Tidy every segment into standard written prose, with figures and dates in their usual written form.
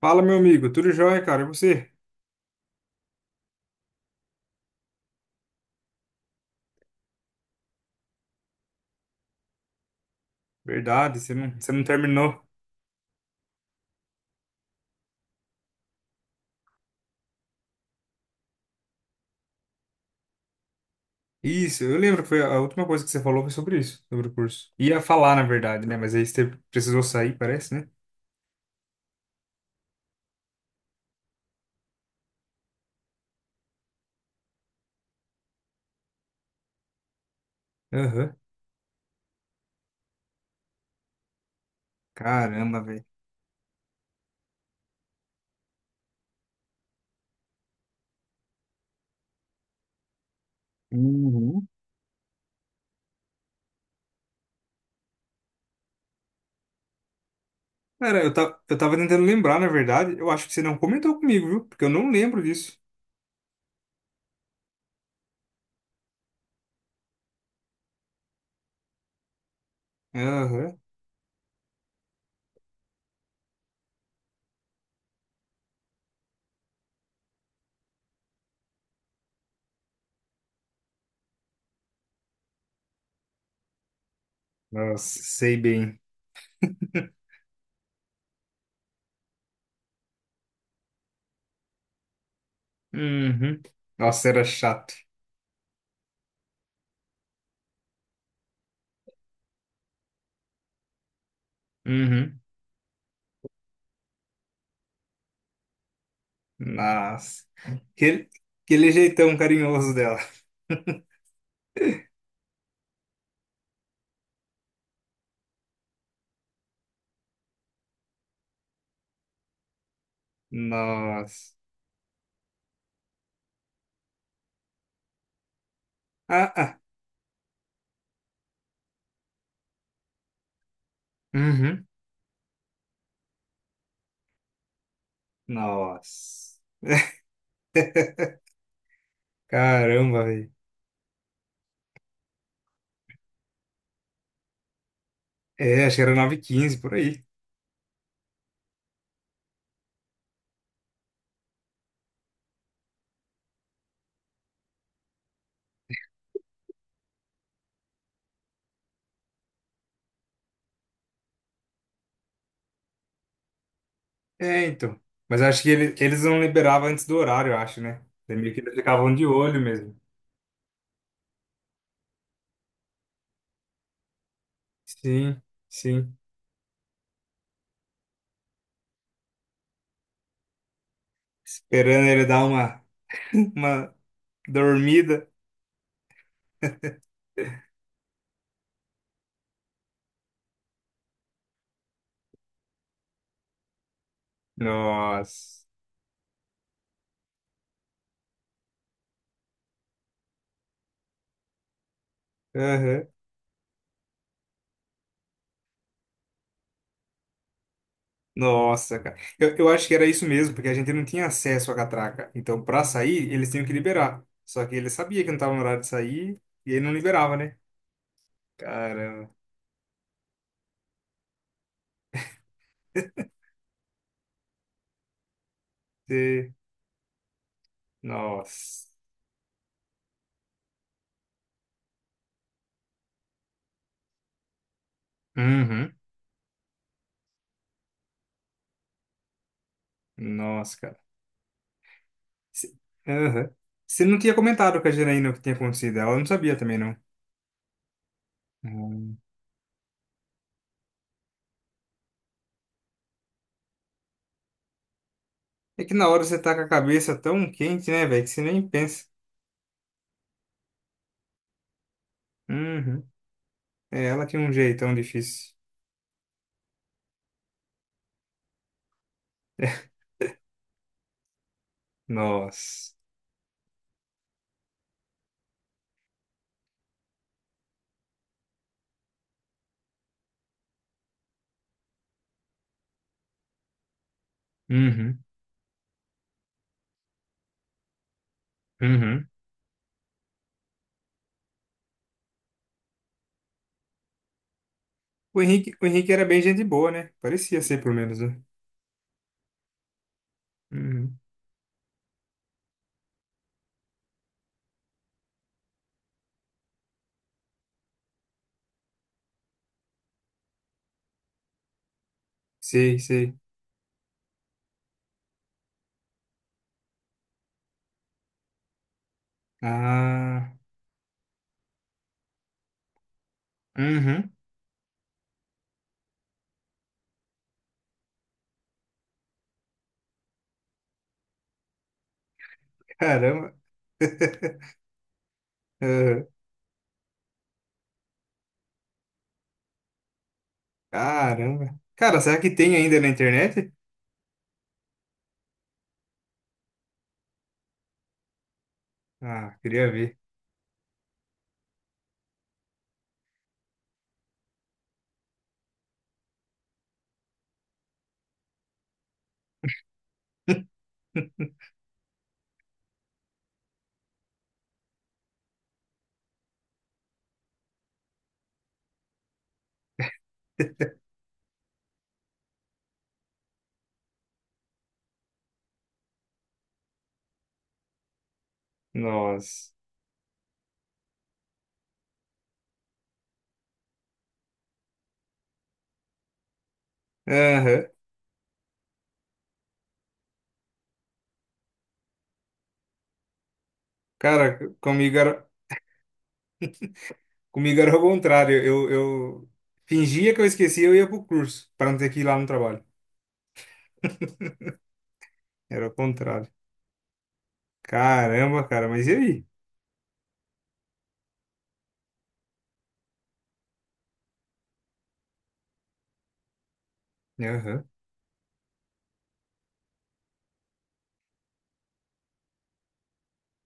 Fala, meu amigo, tudo jóia, cara? E você? Verdade, você não terminou. Isso, eu lembro que foi a última coisa que você falou foi sobre isso, sobre o curso. Ia falar, na verdade, né? Mas aí você precisou sair, parece, né? Aham. Caramba, velho. Uhum. Cara, eu tava tentando lembrar, na verdade. Eu acho que você não comentou comigo, viu? Porque eu não lembro disso. Aham. Nossa, sei bem. Uhum. Nossa, era chato. Uhum. Nossa. Aquele, aquele jeitão carinhoso dela. Nossa. Ah, ah. Uhum. Nossa. Caramba, velho. É, acho que era nove h 15 por aí. É, então. Mas acho que eles não liberavam antes do horário, eu acho, né? Daí meio que eles ficavam de olho mesmo. Sim, sim. Esperando ele dar uma, uma dormida. Nossa. Aham. Nossa, cara. Eu acho que era isso mesmo, porque a gente não tinha acesso à catraca. Então, pra sair, eles tinham que liberar. Só que ele sabia que não tava no horário de sair e ele não liberava, né? Caramba. Você- Nossa. Uhum. Nossa, cara. Você Aham. Você não tinha comentado com a Janaína o que tinha acontecido. Ela não sabia também, não. Hum. É que na hora você tá com a cabeça tão quente, né, velho, que você nem pensa. Uhum. É, ela tinha um jeitão difícil. Nossa. Uhum. Uhum. O Henrique era bem gente boa, né? Parecia ser, pelo menos, né? Uhum. Sei, sei. Ah. Uhum. Caramba. Uhum. Caramba. Cara, será que tem ainda na internet? Ah, queria ver. Nossa. Aham. Cara, comigo era o contrário. Eu fingia que eu esquecia, eu ia pro curso, para não ter que ir lá no trabalho. Era o contrário. Caramba, cara, mas e aí? Aham.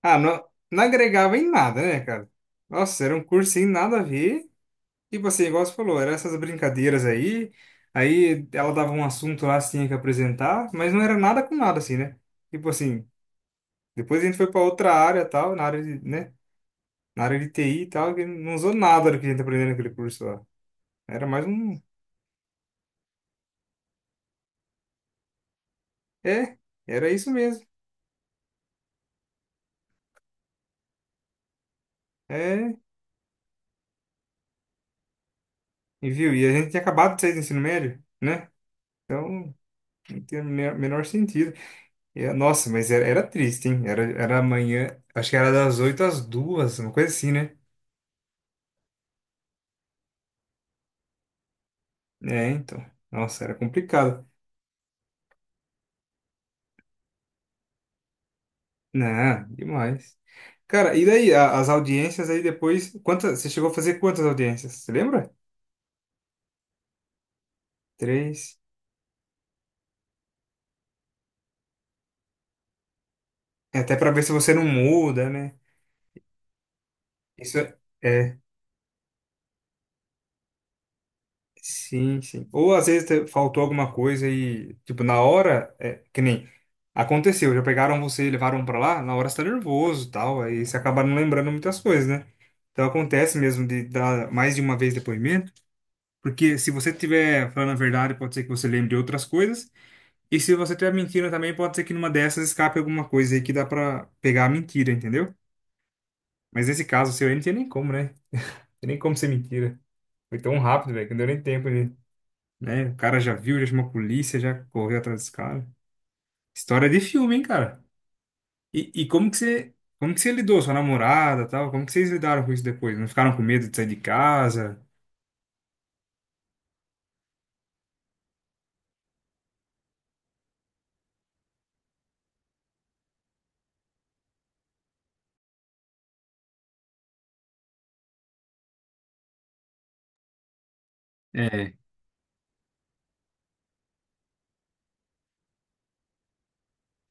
Ah, não, não agregava em nada, né, cara? Nossa, era um curso sem nada a ver. Tipo assim, igual você falou, eram essas brincadeiras aí. Aí ela dava um assunto lá, você tinha que apresentar, mas não era nada com nada, assim, né? Tipo assim, depois a gente foi para outra área, tal, na área de, né? Na área de TI e tal, que não usou nada do que a gente aprendeu naquele curso lá. Era mais um. É, era isso mesmo. É, e viu? E a gente tinha acabado de sair do ensino médio, né? Então, não tinha o menor sentido. E, é, nossa, mas era triste, hein? Era amanhã, acho que era das oito às duas uma coisa assim, né? É, então. Nossa, era complicado. Não, demais. Cara, e daí, as audiências aí depois. Quantas, você chegou a fazer quantas audiências? Você lembra? Três. É até para ver se você não muda, né? Isso é, sim, sim. Ou às vezes faltou alguma coisa e, tipo, na hora, é, que nem aconteceu, já pegaram você e levaram pra lá, na hora você tá nervoso e tal, aí você acaba não lembrando muitas coisas, né? Então acontece mesmo de dar mais de uma vez depoimento, porque se você estiver falando a verdade, pode ser que você lembre de outras coisas, e se você estiver mentindo também, pode ser que numa dessas escape alguma coisa aí que dá pra pegar a mentira, entendeu? Mas nesse caso seu aí não tinha nem como, né? Não tinha nem como ser mentira. Foi tão rápido, velho, que não deu nem tempo de. Né? O cara já viu, já chamou a polícia, já correu atrás desse cara. História de filme, hein, cara? E como que você lidou, sua namorada, e tal? Como que vocês lidaram com isso depois? Não ficaram com medo de sair de casa? É,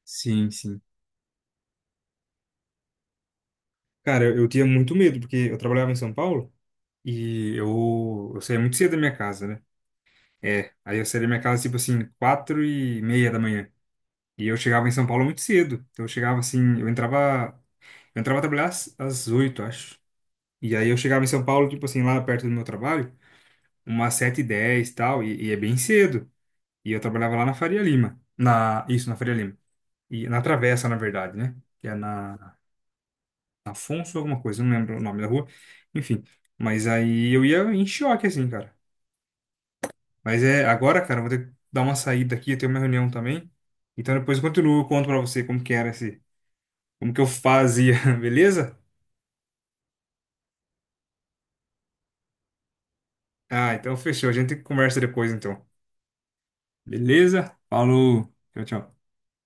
sim, sim. Cara, eu tinha muito medo, porque eu trabalhava em São Paulo e eu saía muito cedo da minha casa, né? É, aí eu saía da minha casa, tipo assim, 4h30 da manhã. E eu chegava em São Paulo muito cedo. Então eu chegava assim, eu entrava, a trabalhar às oito, acho. E aí eu chegava em São Paulo, tipo assim, lá perto do meu trabalho, umas 7h10 e tal, e é bem cedo. E eu trabalhava lá na Faria Lima. Na, isso, na Faria Lima. E na Travessa, na verdade, né? Que é na Afonso alguma coisa, não lembro o nome da rua. Enfim, mas aí eu ia em choque, assim, cara. Mas é, agora, cara, eu vou ter que dar uma saída aqui, eu tenho uma reunião também. Então depois eu continuo, eu conto pra você como que era esse, como que eu fazia, beleza? Ah, então fechou, a gente conversa depois, então. Beleza? Falou, tchau, tchau.